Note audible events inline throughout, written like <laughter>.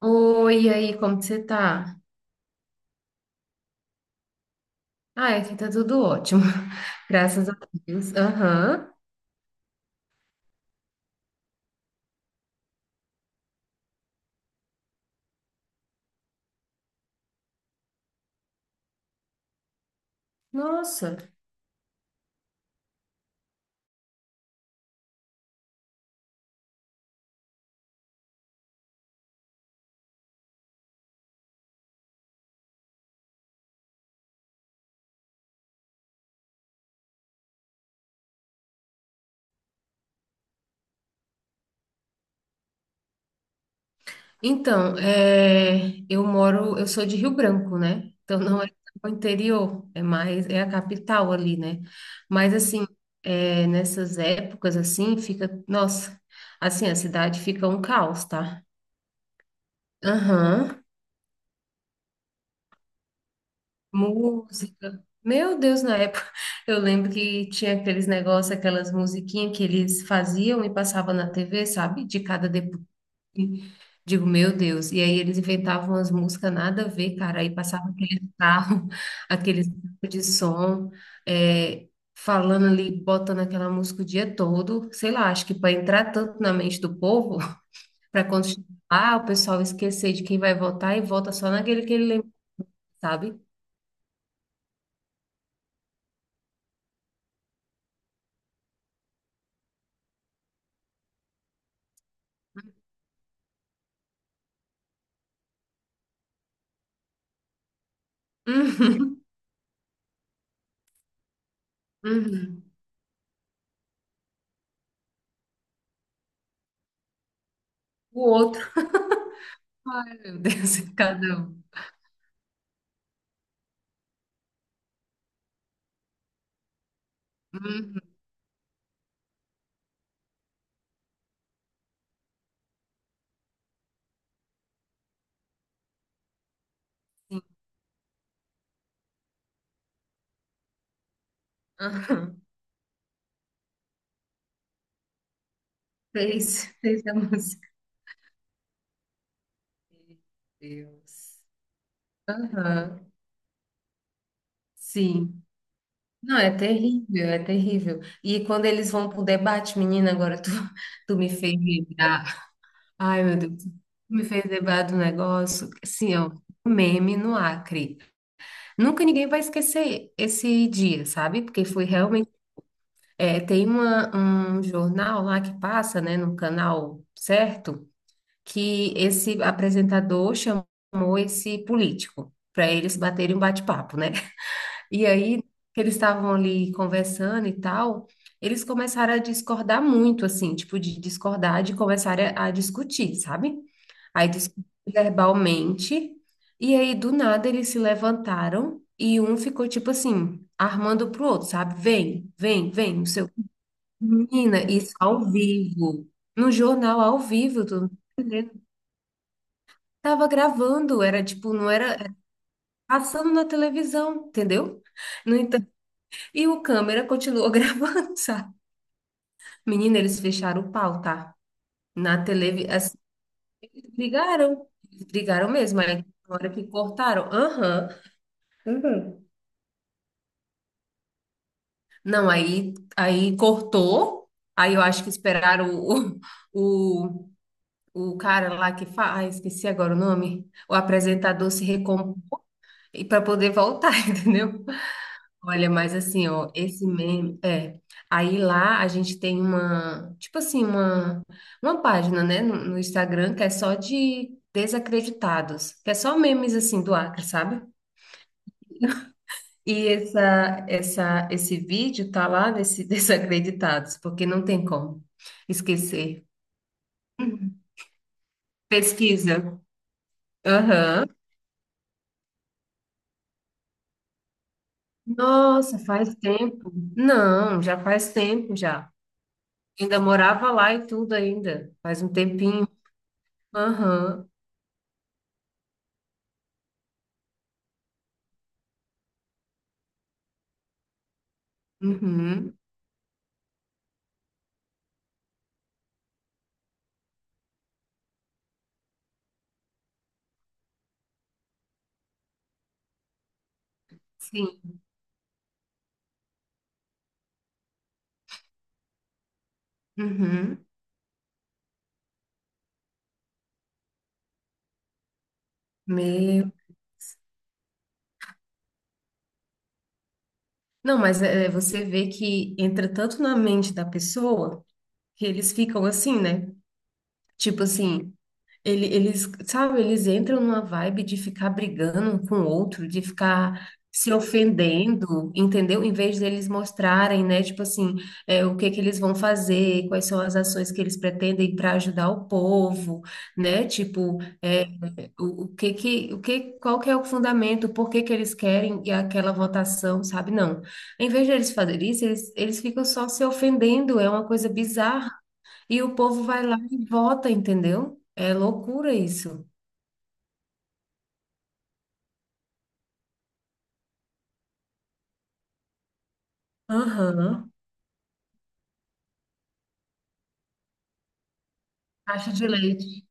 Oi, e aí, como que você tá? Ah, aqui tá tudo ótimo, <laughs> graças a Deus. Aham, nossa. Então, eu sou de Rio Branco, né? Então não é o interior, é a capital ali, né? Mas assim, nessas épocas assim, fica, nossa, assim, a cidade fica um caos, tá? Aham. Música. Meu Deus, na época, <laughs> eu lembro que tinha aqueles negócios, aquelas musiquinhas que eles faziam e passavam na TV, sabe? De cada deputado. Digo, meu Deus. E aí eles inventavam umas músicas nada a ver, cara. Aí passava aquele carro, <laughs> aqueles carro de som, é, falando ali, botando aquela música o dia todo. Sei lá, acho que para entrar tanto na mente do povo, <laughs> para quando chegar lá, o pessoal esquecer de quem vai votar e vota só naquele que ele lembra, sabe? Uhum. Uhum. O outro, <laughs> ai meu Deus, <laughs> cada um. Uhum, sim. <laughs> Fez a música. Meu Deus. Aham, sim. Não, é terrível, é terrível. E quando eles vão pro debate, menina, agora tu, <laughs> tu me fez lembrar. Ai, meu Deus, tu me fez lembrar do negócio. Assim, ó, um meme no Acre. Nunca ninguém vai esquecer esse dia, sabe? Porque foi realmente. Tem um jornal lá que passa, né, num canal certo, que esse apresentador chamou esse político para eles baterem um bate-papo, né? E aí que eles estavam ali conversando e tal, eles começaram a discordar muito, assim, tipo de discordar, de começar a discutir, sabe? Aí discutiram verbalmente e aí do nada eles se levantaram e um ficou tipo assim armando pro outro, sabe? Vem, vem, vem, não sei o seu, menina, isso ao vivo. No jornal ao vivo, tu. Tava gravando, era tipo, não era, era passando na televisão, entendeu? No entanto, e o câmera continuou <laughs> gravando, sabe? Menina, eles fecharam o pau, tá? Na televisão, assim, brigaram, brigaram mesmo, aí na hora que cortaram, aham, uhum. Não, aí cortou, aí eu acho que esperaram o, o cara lá que faz, ah, esqueci agora o nome, o apresentador se recompor, e para poder voltar, <laughs> entendeu? Olha, mas assim, ó, esse meme, aí lá a gente tem uma, tipo assim, uma página, né, no Instagram que é só de desacreditados, que é só memes, assim, do Acre, sabe? E esse vídeo tá lá nesse <laughs> desacreditados, porque não tem como esquecer. Pesquisa. Aham. Nossa, faz tempo. Não, já faz tempo já. Ainda morava lá e tudo ainda. Faz um tempinho. Aham. Uhum, sim. Uhum. Meu. Não, mas é, você vê que entra tanto na mente da pessoa que eles ficam assim, né? Tipo assim, eles, sabe, eles entram numa vibe de ficar brigando um com o outro, de ficar se ofendendo, entendeu? Em vez deles mostrarem, né, tipo assim, o que que eles vão fazer, quais são as ações que eles pretendem para ajudar o povo, né? Tipo, o que que, o que, qual que é o fundamento, por que que eles querem e aquela votação, sabe? Não. Em vez de eles fazerem isso, eles ficam só se ofendendo, é uma coisa bizarra. E o povo vai lá e vota, entendeu? É loucura isso. Aham. Caixa de leite,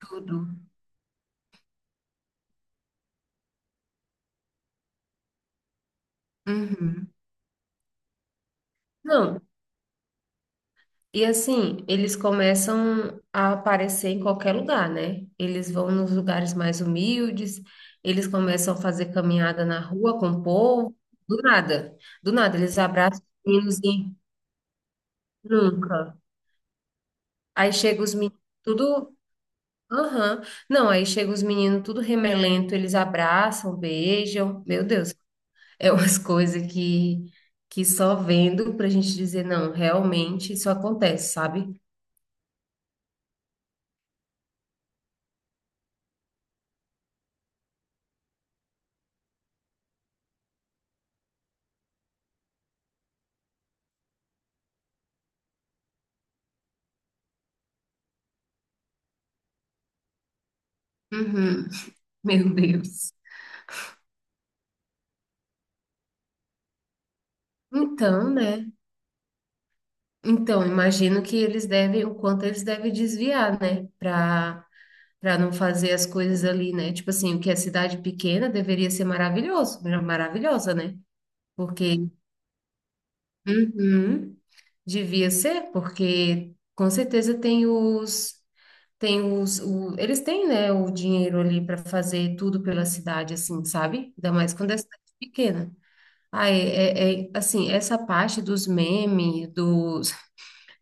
tudo. Uhum. Não, e assim, eles começam a aparecer em qualquer lugar, né? Eles vão nos lugares mais humildes, eles começam a fazer caminhada na rua com o povo, do nada, do nada, eles abraçam os meninos e nunca. Aí chega os meninos, tudo. Aham. Não, aí chega os meninos tudo remelento, eles abraçam, beijam. Meu Deus, é umas <laughs> coisas que só vendo pra gente dizer, não, realmente isso acontece, sabe? Uhum. Meu Deus. Então, né? Então, imagino que eles devem, o quanto eles devem desviar, né? Para não fazer as coisas ali, né? Tipo assim, o que é cidade pequena deveria ser maravilhosa, né? Porque, uhum, devia ser, porque com certeza tem os eles têm, né, o dinheiro ali para fazer tudo pela cidade assim, sabe? Ainda mais quando é cidade pequena. Ah, assim, essa parte dos memes, dos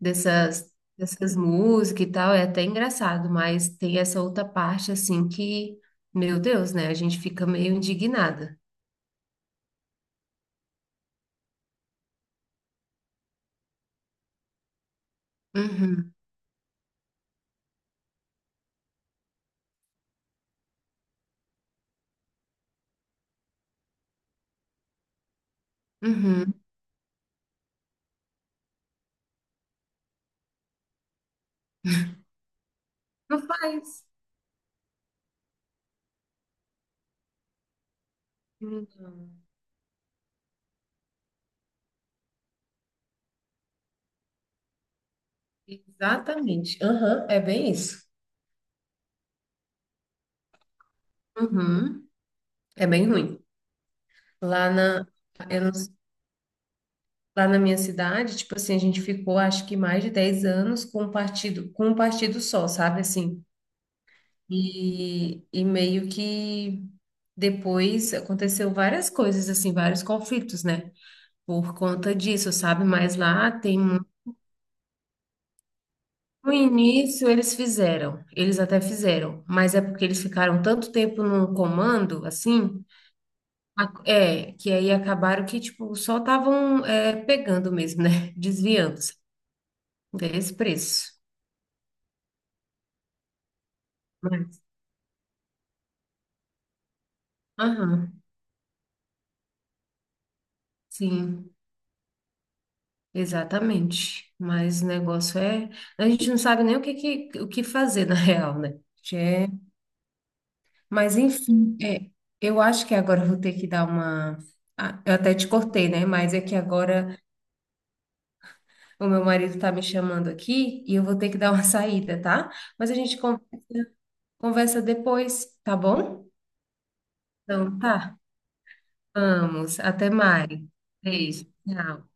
dessas, dessas músicas e tal, é até engraçado, mas tem essa outra parte assim que, meu Deus, né? A gente fica meio indignada. Uhum, uhum. Não faz. Não. Exatamente. Aham, é bem isso. Uhum. É bem ruim. Lá na, eu não s- lá na minha cidade, tipo assim, a gente ficou acho que mais de 10 anos com um partido só, sabe assim? E meio que depois aconteceu várias coisas, assim, vários conflitos, né? Por conta disso, sabe? Mas lá tem muito. No início eles fizeram, eles até fizeram, mas é porque eles ficaram tanto tempo no comando, assim, que aí acabaram que, tipo, só estavam, pegando mesmo, né? <laughs> Desviando-se desse preço. Mas, aham, sim. Exatamente. Mas o negócio é. A gente não sabe nem o que fazer, <laughs> na real, né? Que é... Mas, enfim, eu acho que agora eu vou ter que dar uma. Ah, eu até te cortei, né? Mas é que agora o meu marido tá me chamando aqui e eu vou ter que <laughs> dar uma saída, tá? Mas a gente conversa, depois, tá bom? Então, tá. Vamos. Até mais. Beijo. Tchau.